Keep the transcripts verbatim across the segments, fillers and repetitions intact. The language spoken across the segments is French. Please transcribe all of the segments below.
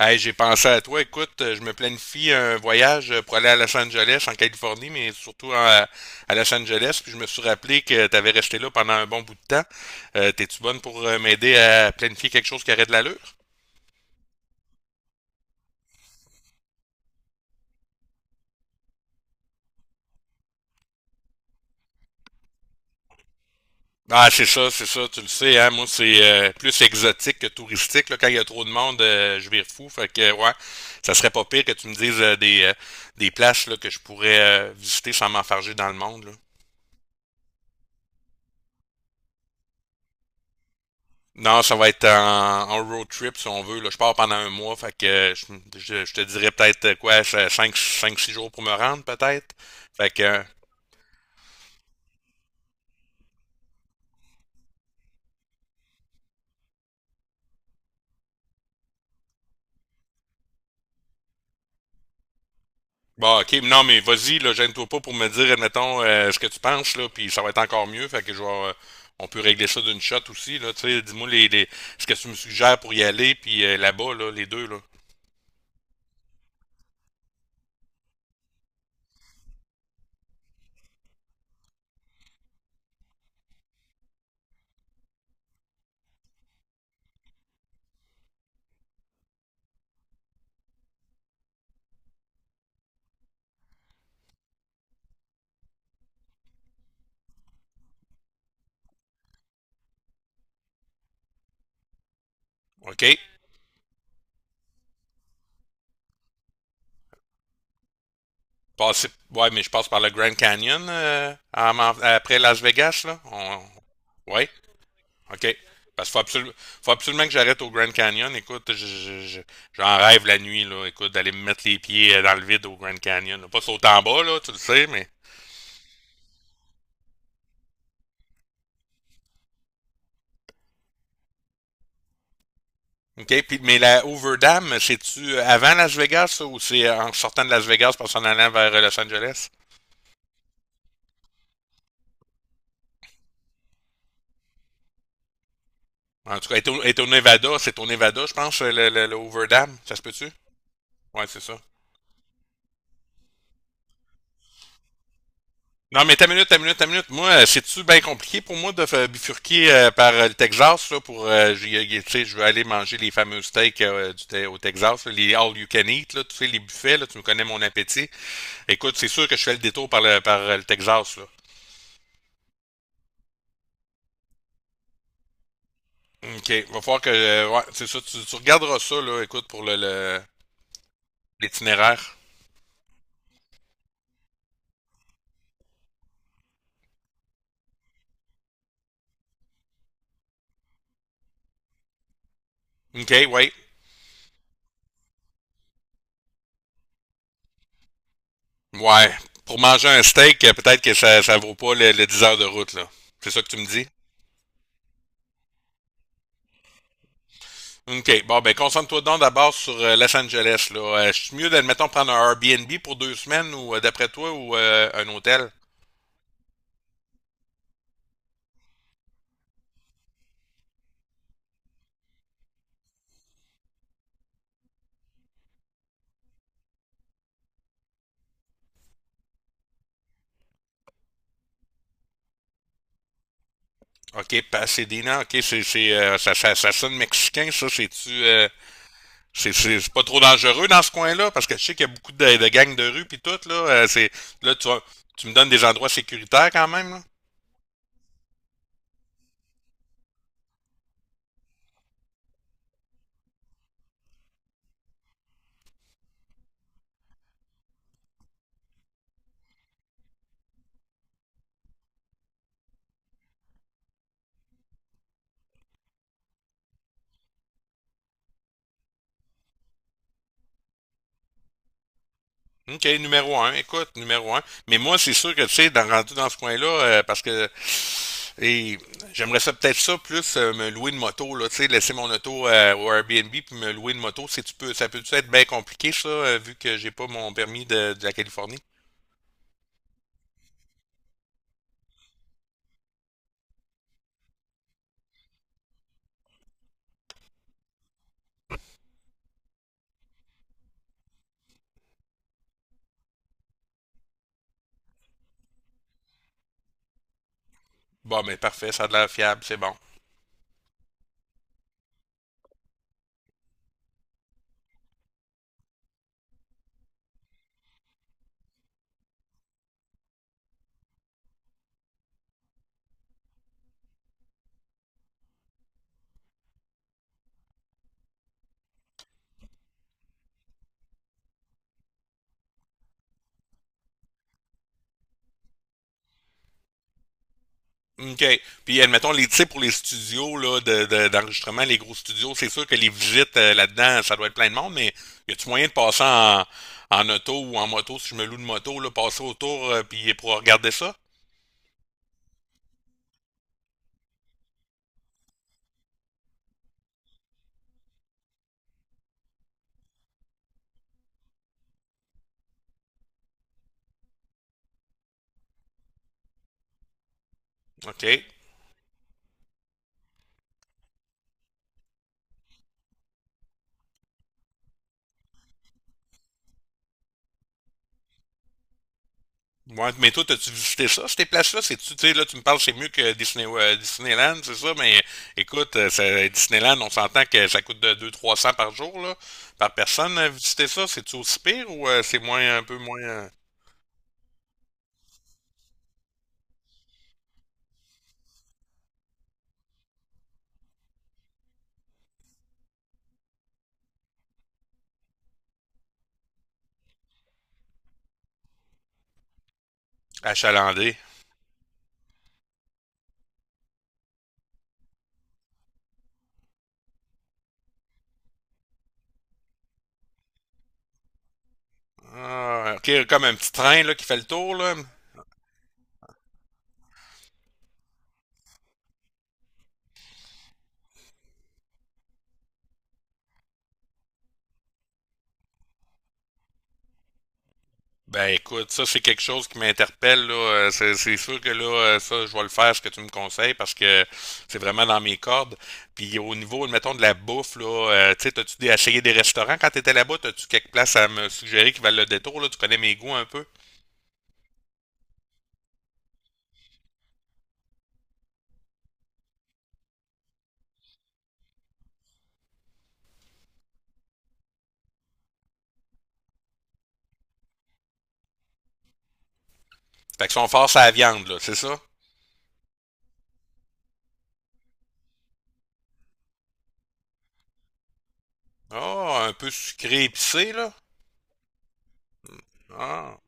Hey, j'ai pensé à toi. Écoute, je me planifie un voyage pour aller à Los Angeles, en Californie, mais surtout en- à Los Angeles. Puis je me suis rappelé que tu avais resté là pendant un bon bout de temps. Euh, t'es-tu bonne pour euh, m'aider à planifier quelque chose qui aurait de l'allure? Ah, c'est ça, c'est ça, tu le sais, hein, moi c'est euh, plus exotique que touristique, là, quand il y a trop de monde, euh, je vire fou, fait que ouais, ça serait pas pire que tu me dises euh, des, euh, des places là, que je pourrais euh, visiter sans m'enfarger dans le monde, là. Non, ça va être en, en road trip si on veut. Là. Je pars pendant un mois, fait que je, je- je te dirais peut-être euh, quoi, cinq, cinq six jours pour me rendre peut-être. Fait que, euh, bon, ok, non, mais vas-y, là, gêne-toi pas pour me dire, admettons, euh, ce que tu penses, là, puis ça va être encore mieux. Fait que je vais, euh, on peut régler ça d'une shot aussi, là, tu sais, dis-moi les, les, ce que tu me suggères pour y aller, puis euh, là-bas, là, les deux, là. Ok? Passer, ouais, mais je passe par le Grand Canyon euh, en m'en- après Las Vegas, là. On, ouais. OK. Parce qu'il faut, absolu- faut absolument que j'arrête au Grand Canyon. Écoute, je- je- je- j'en rêve la nuit, là. Écoute, d'aller me mettre les pieds euh, dans le vide au Grand Canyon, là. Pas sauter en bas, là, tu le sais, mais. OK. Puis, mais la Overdam, c'est-tu avant Las Vegas, ça, ou c'est en sortant de Las Vegas pour s'en allant vers euh, Los Angeles? En tout cas, elle est au, elle est au Nevada, c'est au Nevada, je pense, le, le, le Overdam. Ça se peut-tu? Ouais, c'est ça. Non, mais ta minute, ta minute, ta minute. Moi, euh, c'est-tu bien compliqué pour moi de fa- bifurquer euh, par euh, le Texas, là, pour, euh, j'y- euh, tu sais, je veux aller manger les fameux steaks euh, du Te- au Texas, là, les all you can eat, là, tu sais, les buffets, là, tu me connais mon appétit. Écoute, c'est sûr que je fais le détour par le, par euh, le Texas, là. OK, va falloir que, euh, ouais, c'est ça, tu, tu regarderas ça, là, écoute, pour le, le- l'itinéraire. OK, ouais. Ouais. Pour manger un steak, euh, peut-être que ça, ça vaut pas le, le dix heures de route, là. C'est ça que tu me dis? OK. Bon, ben concentre-toi donc d'abord sur euh, Los Angeles, là. Euh, c'est mieux, d'admettons, prendre un Airbnb pour deux semaines ou euh, d'après toi ou euh, un hôtel? OK, Pasadena, OK, c'est, c'est, euh, ça, ça, ça sonne mexicain, ça, c'est-tu euh, c'est, c'est, c'est pas trop dangereux dans ce coin-là? Parce que je sais qu'il y a beaucoup de, de gangs de rue puis tout, là. euh, c'est, là, tu, tu me donnes des endroits sécuritaires quand même, là? OK, numéro un. Écoute, numéro un. Mais moi, c'est sûr que, tu sais, dans, rendu dans ce coin-là, euh, parce que et j'aimerais ça peut-être ça plus euh, me louer une moto, là, tu sais, laisser mon auto euh, au Airbnb puis me louer une moto, si tu peux, ça peut-tu être bien compliqué, ça, euh, vu que j'ai pas mon permis de, de la Californie? Bon, mais parfait, ça a de l'air fiable, c'est bon. OK. Puis admettons les tips pour les studios là, de, de- d'enregistrement, les gros studios, c'est sûr que les visites euh, là-dedans, ça doit être plein de monde, mais y a-tu moyen de passer en, en auto ou en moto, si je me loue de moto, là, passer autour euh, puis pour regarder ça? OK. Ouais, mais toi, t'as-tu visité ça, ces places-là? C'est-tu, tu sais, là, tu me parles, c'est mieux que Disney, euh, Disneyland, c'est ça, mais écoute, euh, ça- Disneyland, on s'entend que ça coûte de deux trois cents par jour, là, par personne, euh, visiter ça. C'est-tu aussi pire ou euh, c'est moins, un peu moins euh, achalandé? Ah, OK, comme un petit train là, qui fait le tour, là. Ben écoute, ça c'est quelque chose qui m'interpelle là. Euh, C'est c'est sûr que là, euh, ça, je vais le faire ce que tu me conseilles parce que c'est vraiment dans mes cordes. Puis au niveau, mettons, de la bouffe, là, euh, tu sais, t'as-tu des- essayé des restaurants quand t'étais là-bas? T'as-tu quelques places à me suggérer qui valent le détour, là? Tu connais mes goûts un peu? Fait que sont forts à la viande, là, c'est ça? Ah, un peu sucré épicé, là? Ah.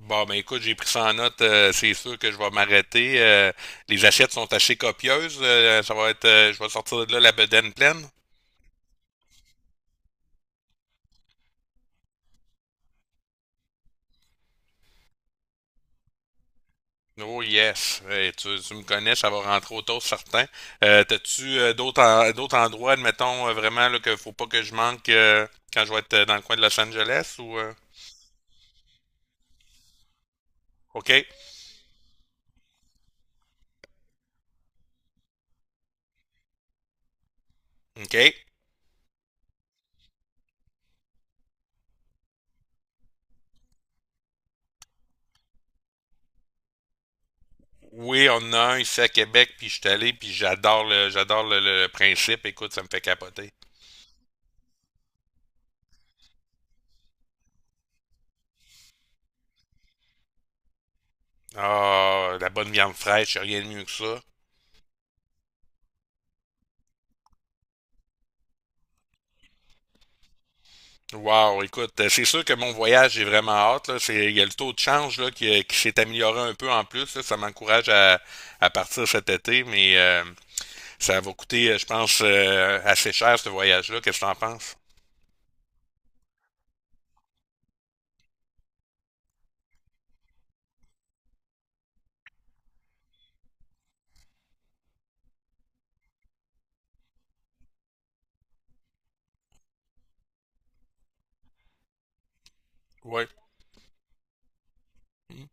Bon, ben écoute, j'ai pris ça en note. Euh, c'est sûr que je vais m'arrêter. Euh, les assiettes sont assez copieuses. Euh, ça va être, euh, je vais sortir de là la bedaine pleine. Oh yes, Hey, tu, tu me connais, ça va rentrer au toast certain. Euh, t'as-tu euh, d'autres en- d'autres endroits, admettons euh, vraiment là, que faut pas que je manque euh, quand je vais être euh, dans le coin de Los Angeles ou euh, OK, OK. Oui, on en a un ici à Québec, puis je suis allé, puis j'adore le j'adore le, le principe. Écoute, ça me fait capoter. Ah, la bonne viande fraîche, y a rien de mieux que ça. Wow, écoute, euh, c'est sûr que mon voyage, j'ai vraiment hâte, là. C'est, il y a le taux de change là, qui, euh, qui s'est amélioré un peu en plus, là. Ça m'encourage à, à partir cet été, mais euh, ça va coûter, euh, je pense, euh, assez cher ce voyage-là. Qu'est-ce que t'en penses? Ouais. Mm.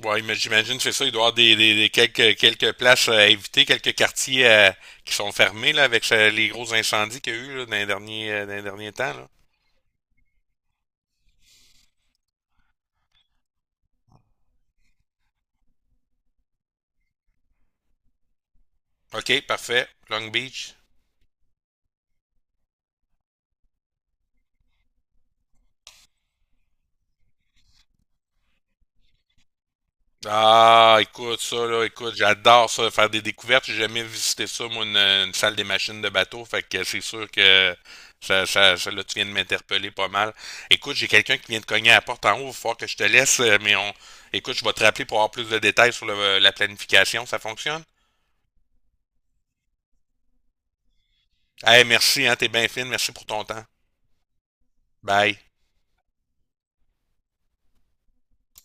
Ouais, mais j'imagine c'est ça, il doit y avoir des, des- des quelques, quelques places à éviter, quelques quartiers euh, qui sont fermés là, avec euh, les gros incendies qu'il y a eu là, dans les derniers, euh, dans les derniers temps là. OK, parfait. Long Beach. Ah, écoute, ça, là, écoute, j'adore ça, faire des découvertes. J'ai jamais visité ça, moi, une, une salle des machines de bateau. Fait que c'est sûr que ça, ça, ça, là, tu viens de m'interpeller pas mal. Écoute, j'ai quelqu'un qui vient de cogner à la porte en haut. Il va falloir que je te laisse, euh, mais on, écoute, je vais te rappeler pour avoir plus de détails sur le- la planification. Ça fonctionne? Eh, merci, hein, t'es bien fine. Merci pour ton temps. Bye.